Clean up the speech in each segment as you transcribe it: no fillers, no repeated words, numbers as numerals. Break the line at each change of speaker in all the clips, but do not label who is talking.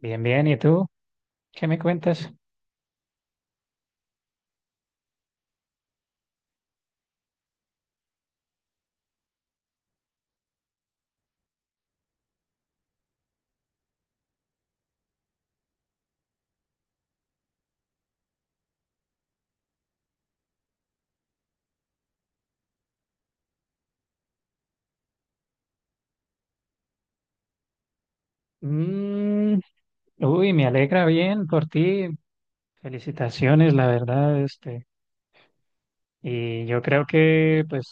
Bien, bien. ¿Y tú? ¿Qué me cuentas? Mm, uy, me alegra bien por ti. Felicitaciones, la verdad, este. Y yo creo que, pues,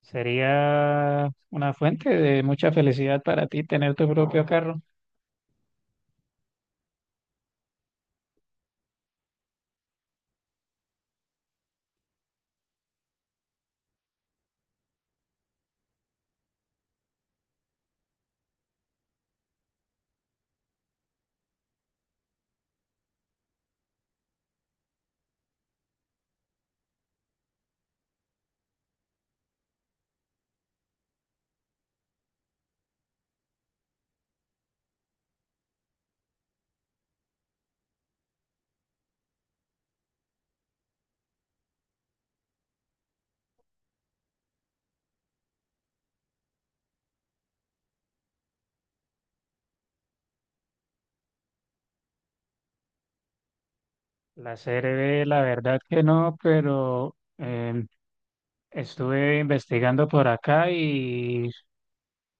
sería una fuente de mucha felicidad para ti tener tu propio carro. La CRV la verdad que no, pero estuve investigando por acá y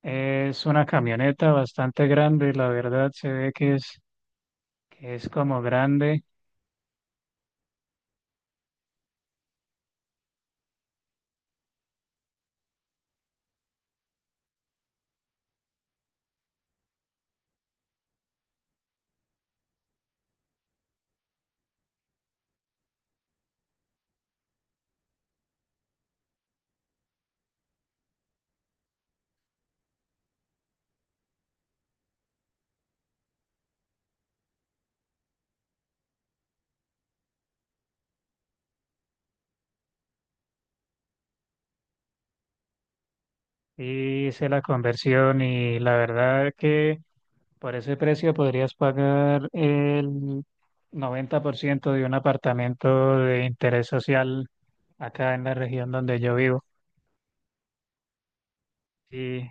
es una camioneta bastante grande, la verdad, se ve que es como grande. Y hice la conversión y la verdad que por ese precio podrías pagar el 90% de un apartamento de interés social acá en la región donde yo vivo. Y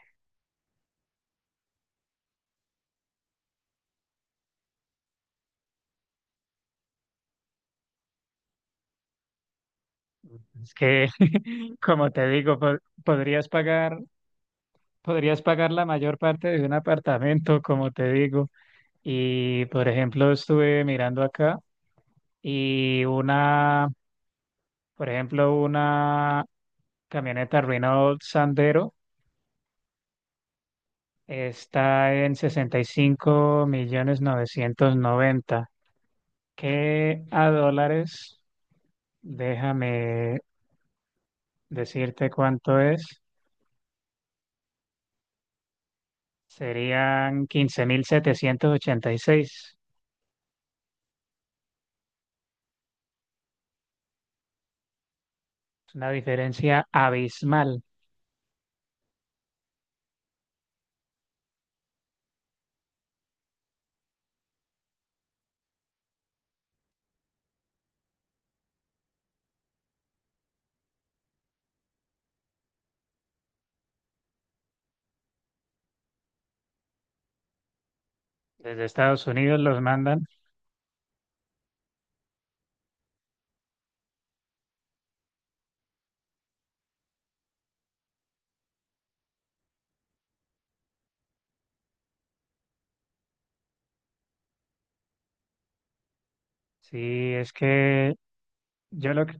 es que, como te digo, podrías pagar, podrías pagar la mayor parte de un apartamento, como te digo. Y, por ejemplo, estuve mirando acá y una, por ejemplo, una camioneta Renault Sandero está en 65.000.990. Que a dólares, déjame decirte cuánto es, serían 15.786. Es una diferencia abismal. Desde Estados Unidos los mandan. Sí, es que yo lo que...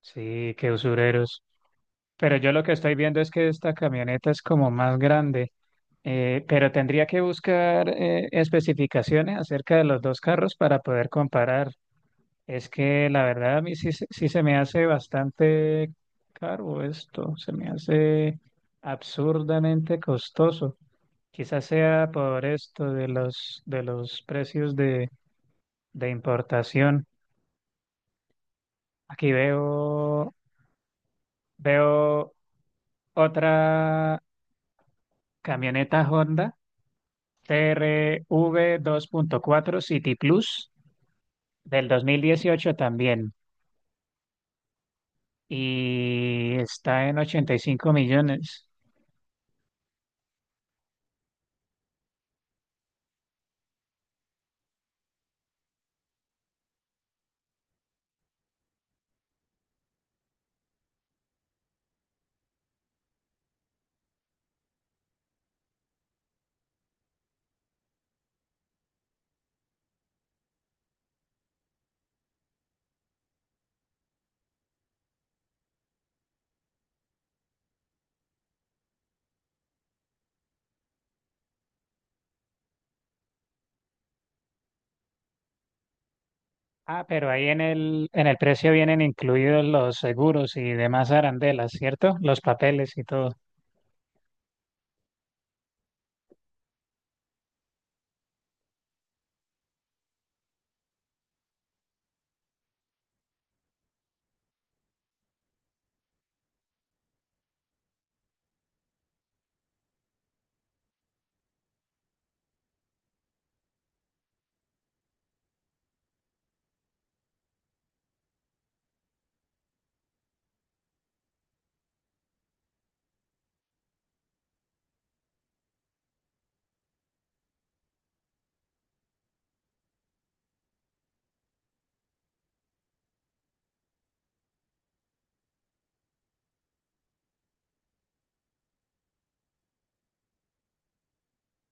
Sí, qué usureros. Pero yo lo que estoy viendo es que esta camioneta es como más grande. Pero tendría que buscar especificaciones acerca de los dos carros para poder comparar. Es que la verdad a mí sí, sí se me hace bastante caro esto, se me hace absurdamente costoso. Quizás sea por esto de los precios de importación. Aquí veo otra camioneta Honda TRV 2.4 City Plus. Del 2018 también. Y está en 85 millones. Ah, pero ahí en el precio vienen incluidos los seguros y demás arandelas, ¿cierto? Los papeles y todo.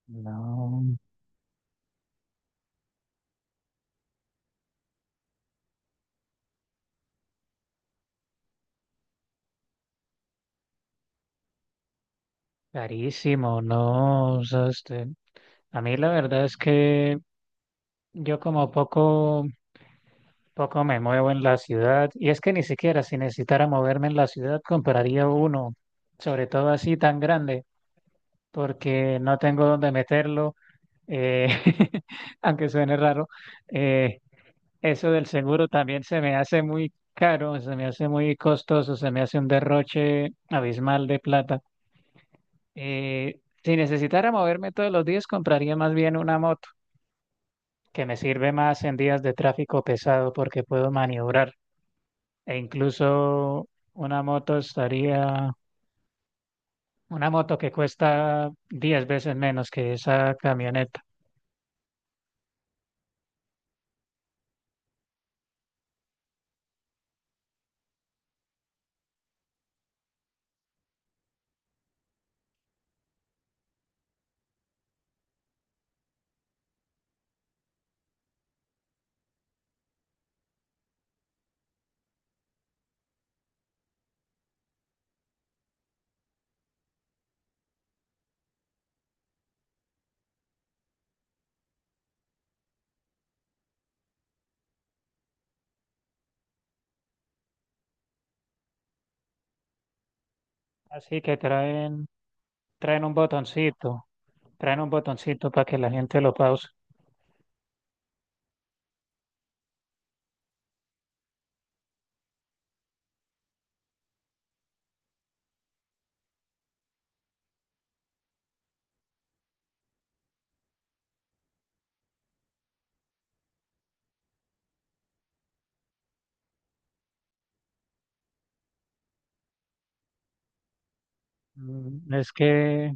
No, carísimo, no. O sea, este, a mí la verdad es que yo como poco me muevo en la ciudad y es que ni siquiera si necesitara moverme en la ciudad compraría uno, sobre todo así tan grande, porque no tengo dónde meterlo, eh, aunque suene raro. eh, Eso del seguro también se me hace muy caro, se me hace muy costoso, se me hace un derroche abismal de plata. Si necesitara moverme todos los días compraría más bien una moto, que me sirve más en días de tráfico pesado porque puedo maniobrar. E incluso una moto estaría, una moto que cuesta 10 veces menos que esa camioneta. Así que traen un botoncito, traen un botoncito para que la gente lo pause. Es que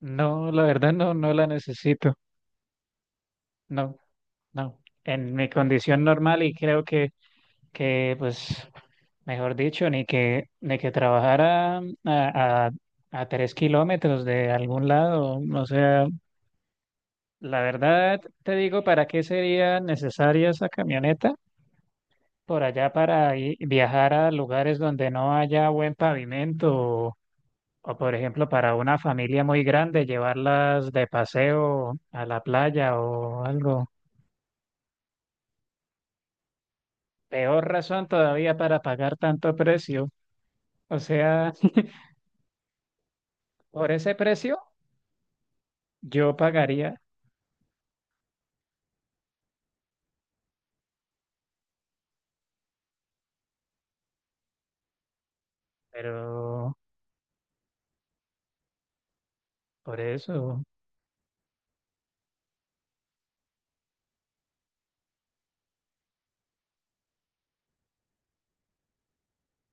no, la verdad no, no la necesito. No, no. En mi condición normal y creo que pues, mejor dicho, ni que trabajara a 3 kilómetros de algún lado, o sea, la verdad, te digo, ¿para qué sería necesaria esa camioneta? Por allá para viajar a lugares donde no haya buen pavimento o, por ejemplo, para una familia muy grande, llevarlas de paseo a la playa o algo. Peor razón todavía para pagar tanto precio. O sea, por ese precio yo pagaría, pero por eso,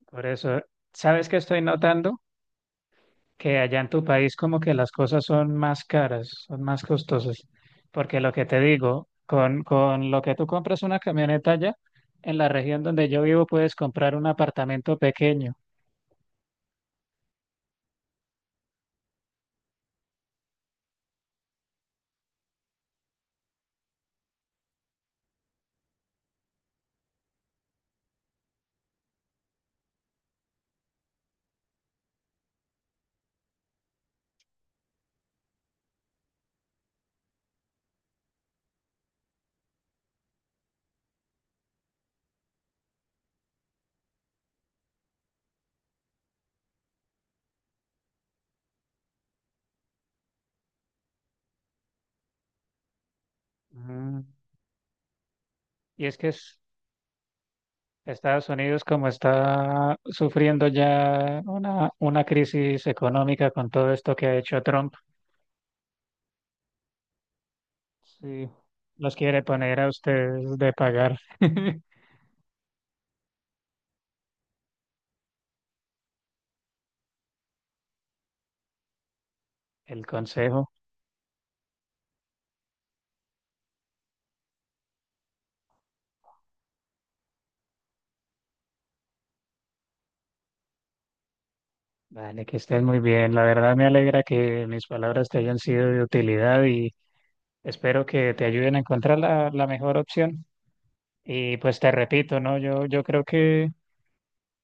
por eso, ¿sabes qué estoy notando? Que allá en tu país como que las cosas son más caras, son más costosas, porque lo que te digo, con lo que tú compras una camioneta allá, en la región donde yo vivo puedes comprar un apartamento pequeño. Mm, Y es que Estados Unidos como está sufriendo ya una crisis económica con todo esto que ha hecho Trump, sí. Los quiere poner a ustedes de pagar el consejo. Vale, que estés muy bien. La verdad me alegra que mis palabras te hayan sido de utilidad y espero que te ayuden a encontrar la mejor opción. Y pues te repito, ¿no? Yo creo que,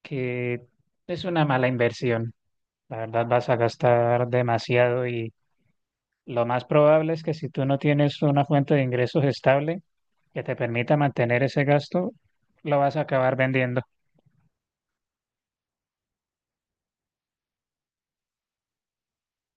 que es una mala inversión. La verdad vas a gastar demasiado y lo más probable es que si tú no tienes una fuente de ingresos estable que te permita mantener ese gasto, lo vas a acabar vendiendo.